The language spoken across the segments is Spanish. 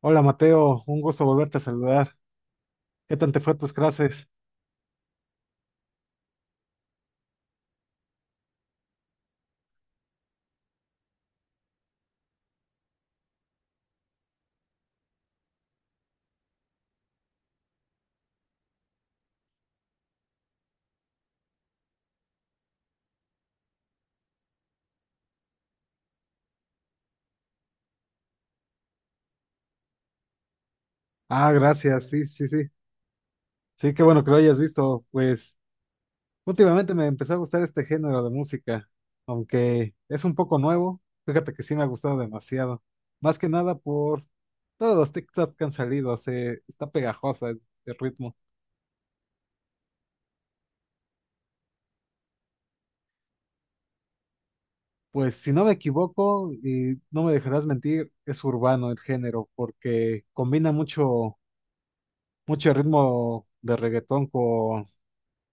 Hola Mateo, un gusto volverte a saludar. ¿Qué tal te fue tus clases? Ah, gracias, sí, sí, sí. Sí, qué bueno que lo hayas visto. Pues últimamente me empezó a gustar este género de música, aunque es un poco nuevo. Fíjate que sí me ha gustado demasiado. Más que nada por todos los TikTok que han salido, se está pegajosa el ritmo. Pues si no me equivoco, y no me dejarás mentir, es urbano el género, porque combina mucho ritmo de reggaetón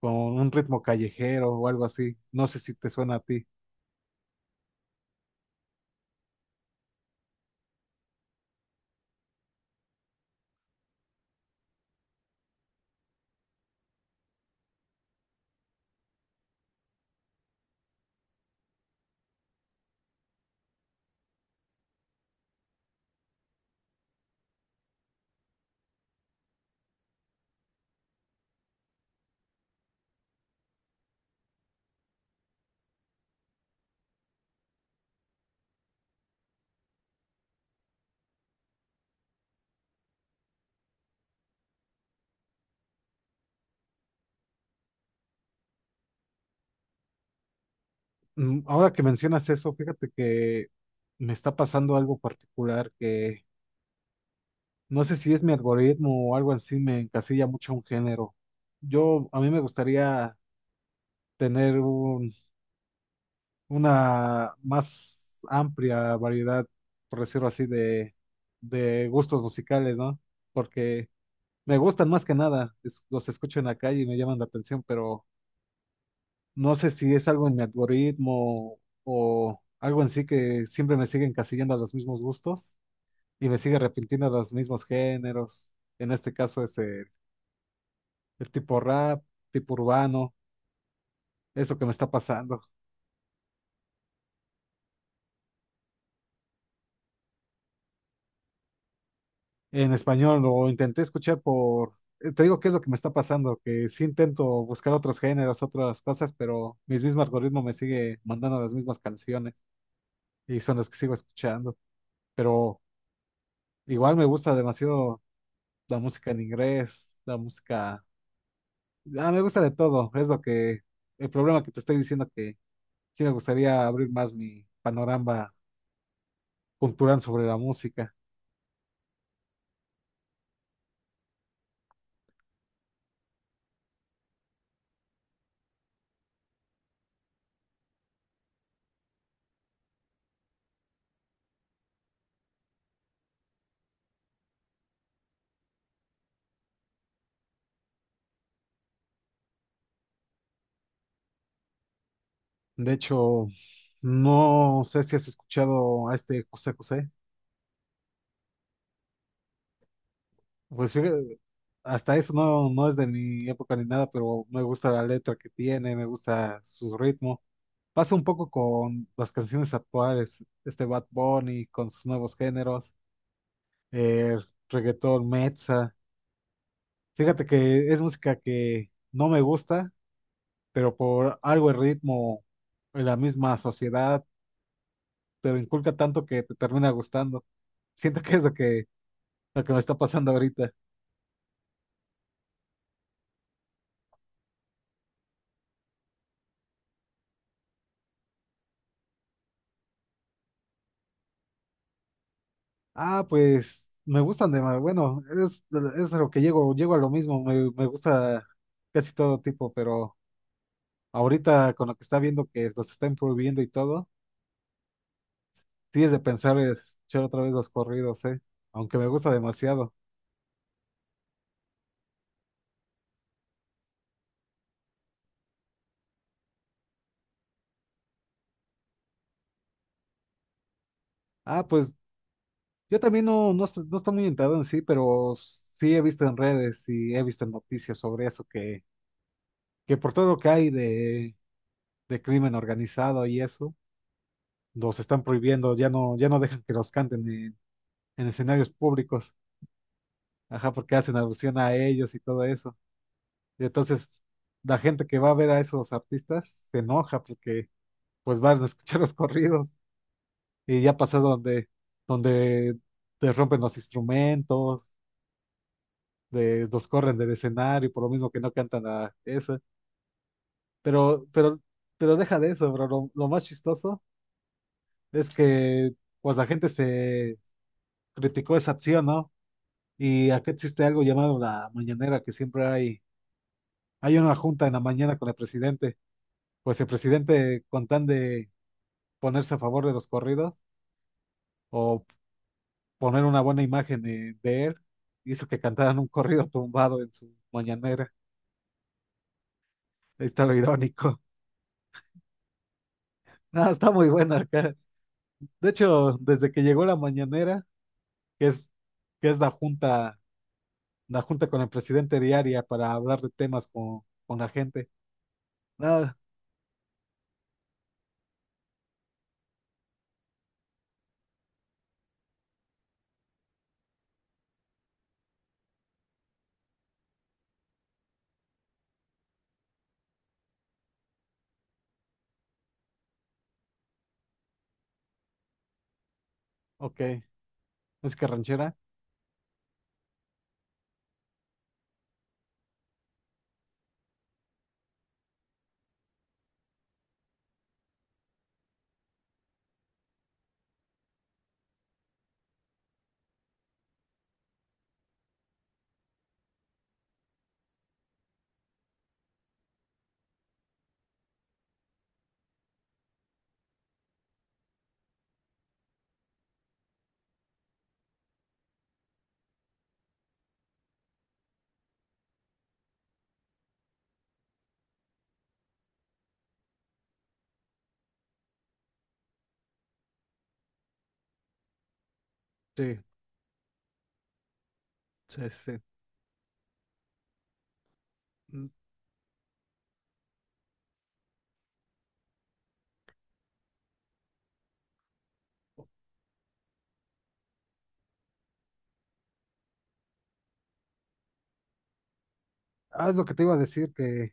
con un ritmo callejero o algo así. No sé si te suena a ti. Ahora que mencionas eso, fíjate que me está pasando algo particular que no sé si es mi algoritmo o algo así, me encasilla mucho a un género. Yo, a mí me gustaría tener una más amplia variedad, por decirlo así, de gustos musicales, ¿no? Porque me gustan más que nada, es- los escucho en la calle y me llaman la atención, pero... No sé si es algo en mi algoritmo o algo en sí que siempre me sigue encasillando a los mismos gustos y me sigue arrepintiendo a los mismos géneros. En este caso es el tipo rap, tipo urbano, eso que me está pasando. En español lo intenté escuchar por... Te digo qué es lo que me está pasando, que sí intento buscar otros géneros, otras cosas, pero mi mismo algoritmo me sigue mandando las mismas canciones y son las que sigo escuchando. Pero igual me gusta demasiado la música en inglés, la música... Ah, me gusta de todo, es lo que... El problema que te estoy diciendo que sí me gustaría abrir más mi panorama cultural sobre la música. De hecho, no sé si has escuchado a este José José. Pues fíjate, hasta eso no es de mi época ni nada, pero me gusta la letra que tiene, me gusta su ritmo. Pasa un poco con las canciones actuales, este Bad Bunny con sus nuevos géneros, el reggaetón, Mezza. Fíjate que es música que no me gusta, pero por algo el ritmo, la misma sociedad, te lo inculca tanto que te termina gustando. Siento que es lo que me está pasando ahorita. Ah, pues me gustan de más. Bueno, es a lo que llego, llego a lo mismo. Me gusta casi todo tipo, pero ahorita con lo que está viendo que los están prohibiendo y todo, tienes de pensar en escuchar otra vez los corridos, ¿eh? Aunque me gusta demasiado. Ah, pues. Yo también no estoy muy enterado en sí, pero sí he visto en redes y he visto en noticias sobre eso, que por todo lo que hay de crimen organizado y eso, los están prohibiendo, ya no dejan que los canten en escenarios públicos, ajá, porque hacen alusión a ellos y todo eso. Y entonces la gente que va a ver a esos artistas se enoja porque pues van a escuchar los corridos y ya pasa donde te rompen los instrumentos les los corren del escenario por lo mismo que no cantan a eso. Pero, pero, pero deja de eso, bro. Lo más chistoso es que pues la gente se criticó esa acción, ¿no? Y acá existe algo llamado la mañanera, que siempre hay, hay una junta en la mañana con el presidente. Pues el presidente, con tan de ponerse a favor de los corridos o poner una buena imagen de él, hizo que cantaran un corrido tumbado en su mañanera. Ahí está lo irónico. No, está muy buena acá. De hecho, desde que llegó la mañanera, que es, que es la junta con el presidente diaria para hablar de temas con la gente. Nada, ok. Música ranchera. Sí, sí, sí. Mm, Ah, es lo que te iba a decir que,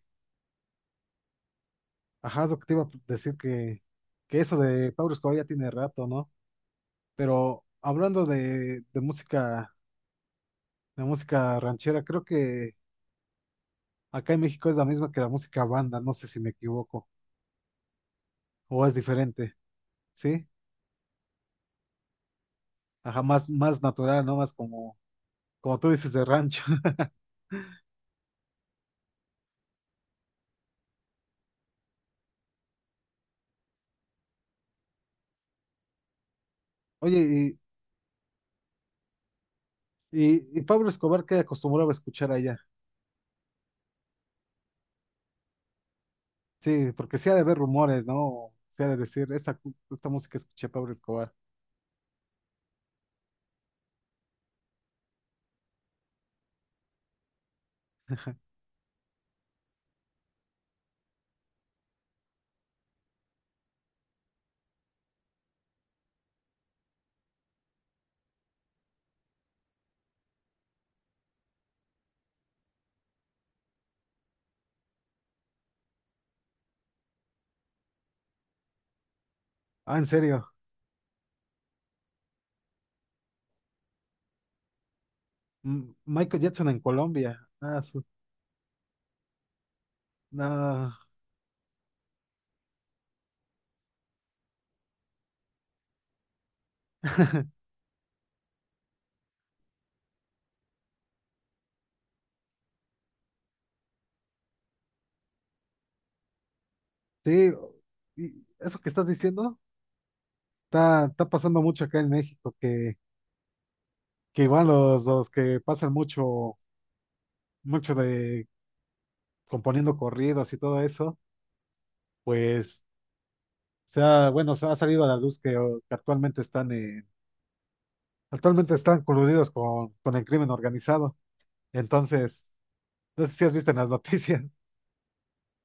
ajá, es lo que te iba a decir que eso de Pablo Escobar ya tiene rato, ¿no? Pero hablando de música ranchera, creo que acá en México es la misma que la música banda, no sé si me equivoco, o es diferente, ¿sí? Ajá, más natural, ¿no? Más como como tú dices, de rancho. Oye, y Pablo Escobar, ¿qué acostumbraba a escuchar allá? Sí, porque sí ha de haber rumores, ¿no? O sí ha de decir, esta, cu- esta música escuché a Pablo Escobar. Ah, en serio, M- Michael Jackson en Colombia. Ah, su- no, sí, y eso que estás diciendo está, está pasando mucho acá en México, que igual los que pasan mucho de componiendo corridos y todo eso, pues, se ha- bueno, se ha salido a la luz que, oh, que actualmente están en Actualmente están coludidos con el crimen organizado. Entonces, no sé si has visto en las noticias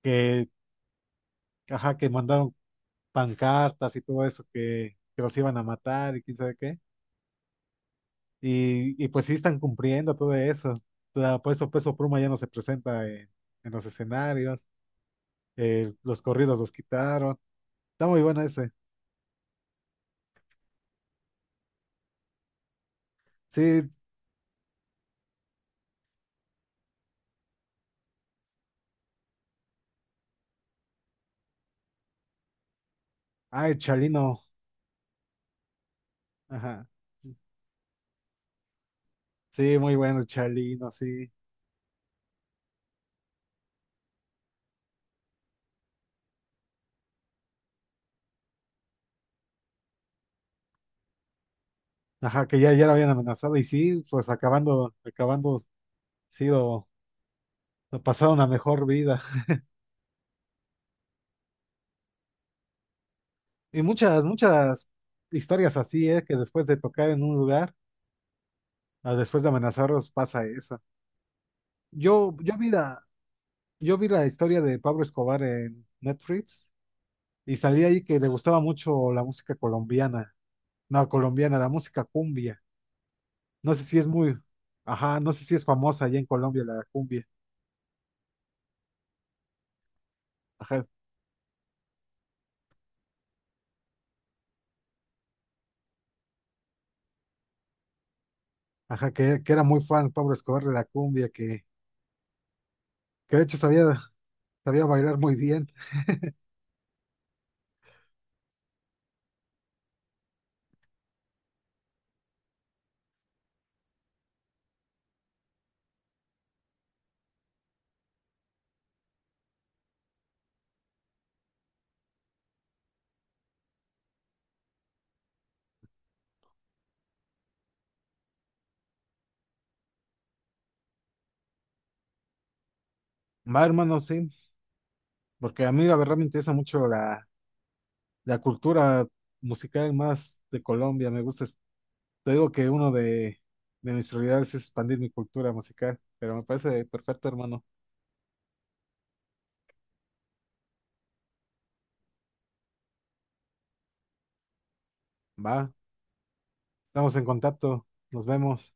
que, ajá, que mandaron pancartas y todo eso, que los iban a matar y quién sabe qué. Y pues sí están cumpliendo todo eso. O sea, por eso Peso Pluma ya no se presenta en los escenarios. Los corridos los quitaron. Está muy bueno ese. Sí, ay, Chalino. Ajá. Sí, muy bueno el Chalino, sí. Ajá, ya lo habían amenazado y sí, pues acabando sido a pasar una mejor vida. Y muchas historias así, ¿eh? Que después de tocar en un lugar, a después de amenazarlos, pasa eso. Yo, yo vi la, yo vi la historia de Pablo Escobar en Netflix y salí ahí que le gustaba mucho la música colombiana. No, colombiana, la música cumbia. No sé si es muy, ajá, no sé si es famosa allá en Colombia la cumbia. Ajá, ajá, que era muy fan Pablo Escobar de la cumbia, que de hecho sabía, sabía bailar muy bien. Va, hermano, sí, porque a mí la verdad me interesa mucho la la cultura musical más de Colombia, me gusta. Es- Te digo que uno de mis prioridades es expandir mi cultura musical, pero me parece perfecto, hermano. Va, estamos en contacto, nos vemos.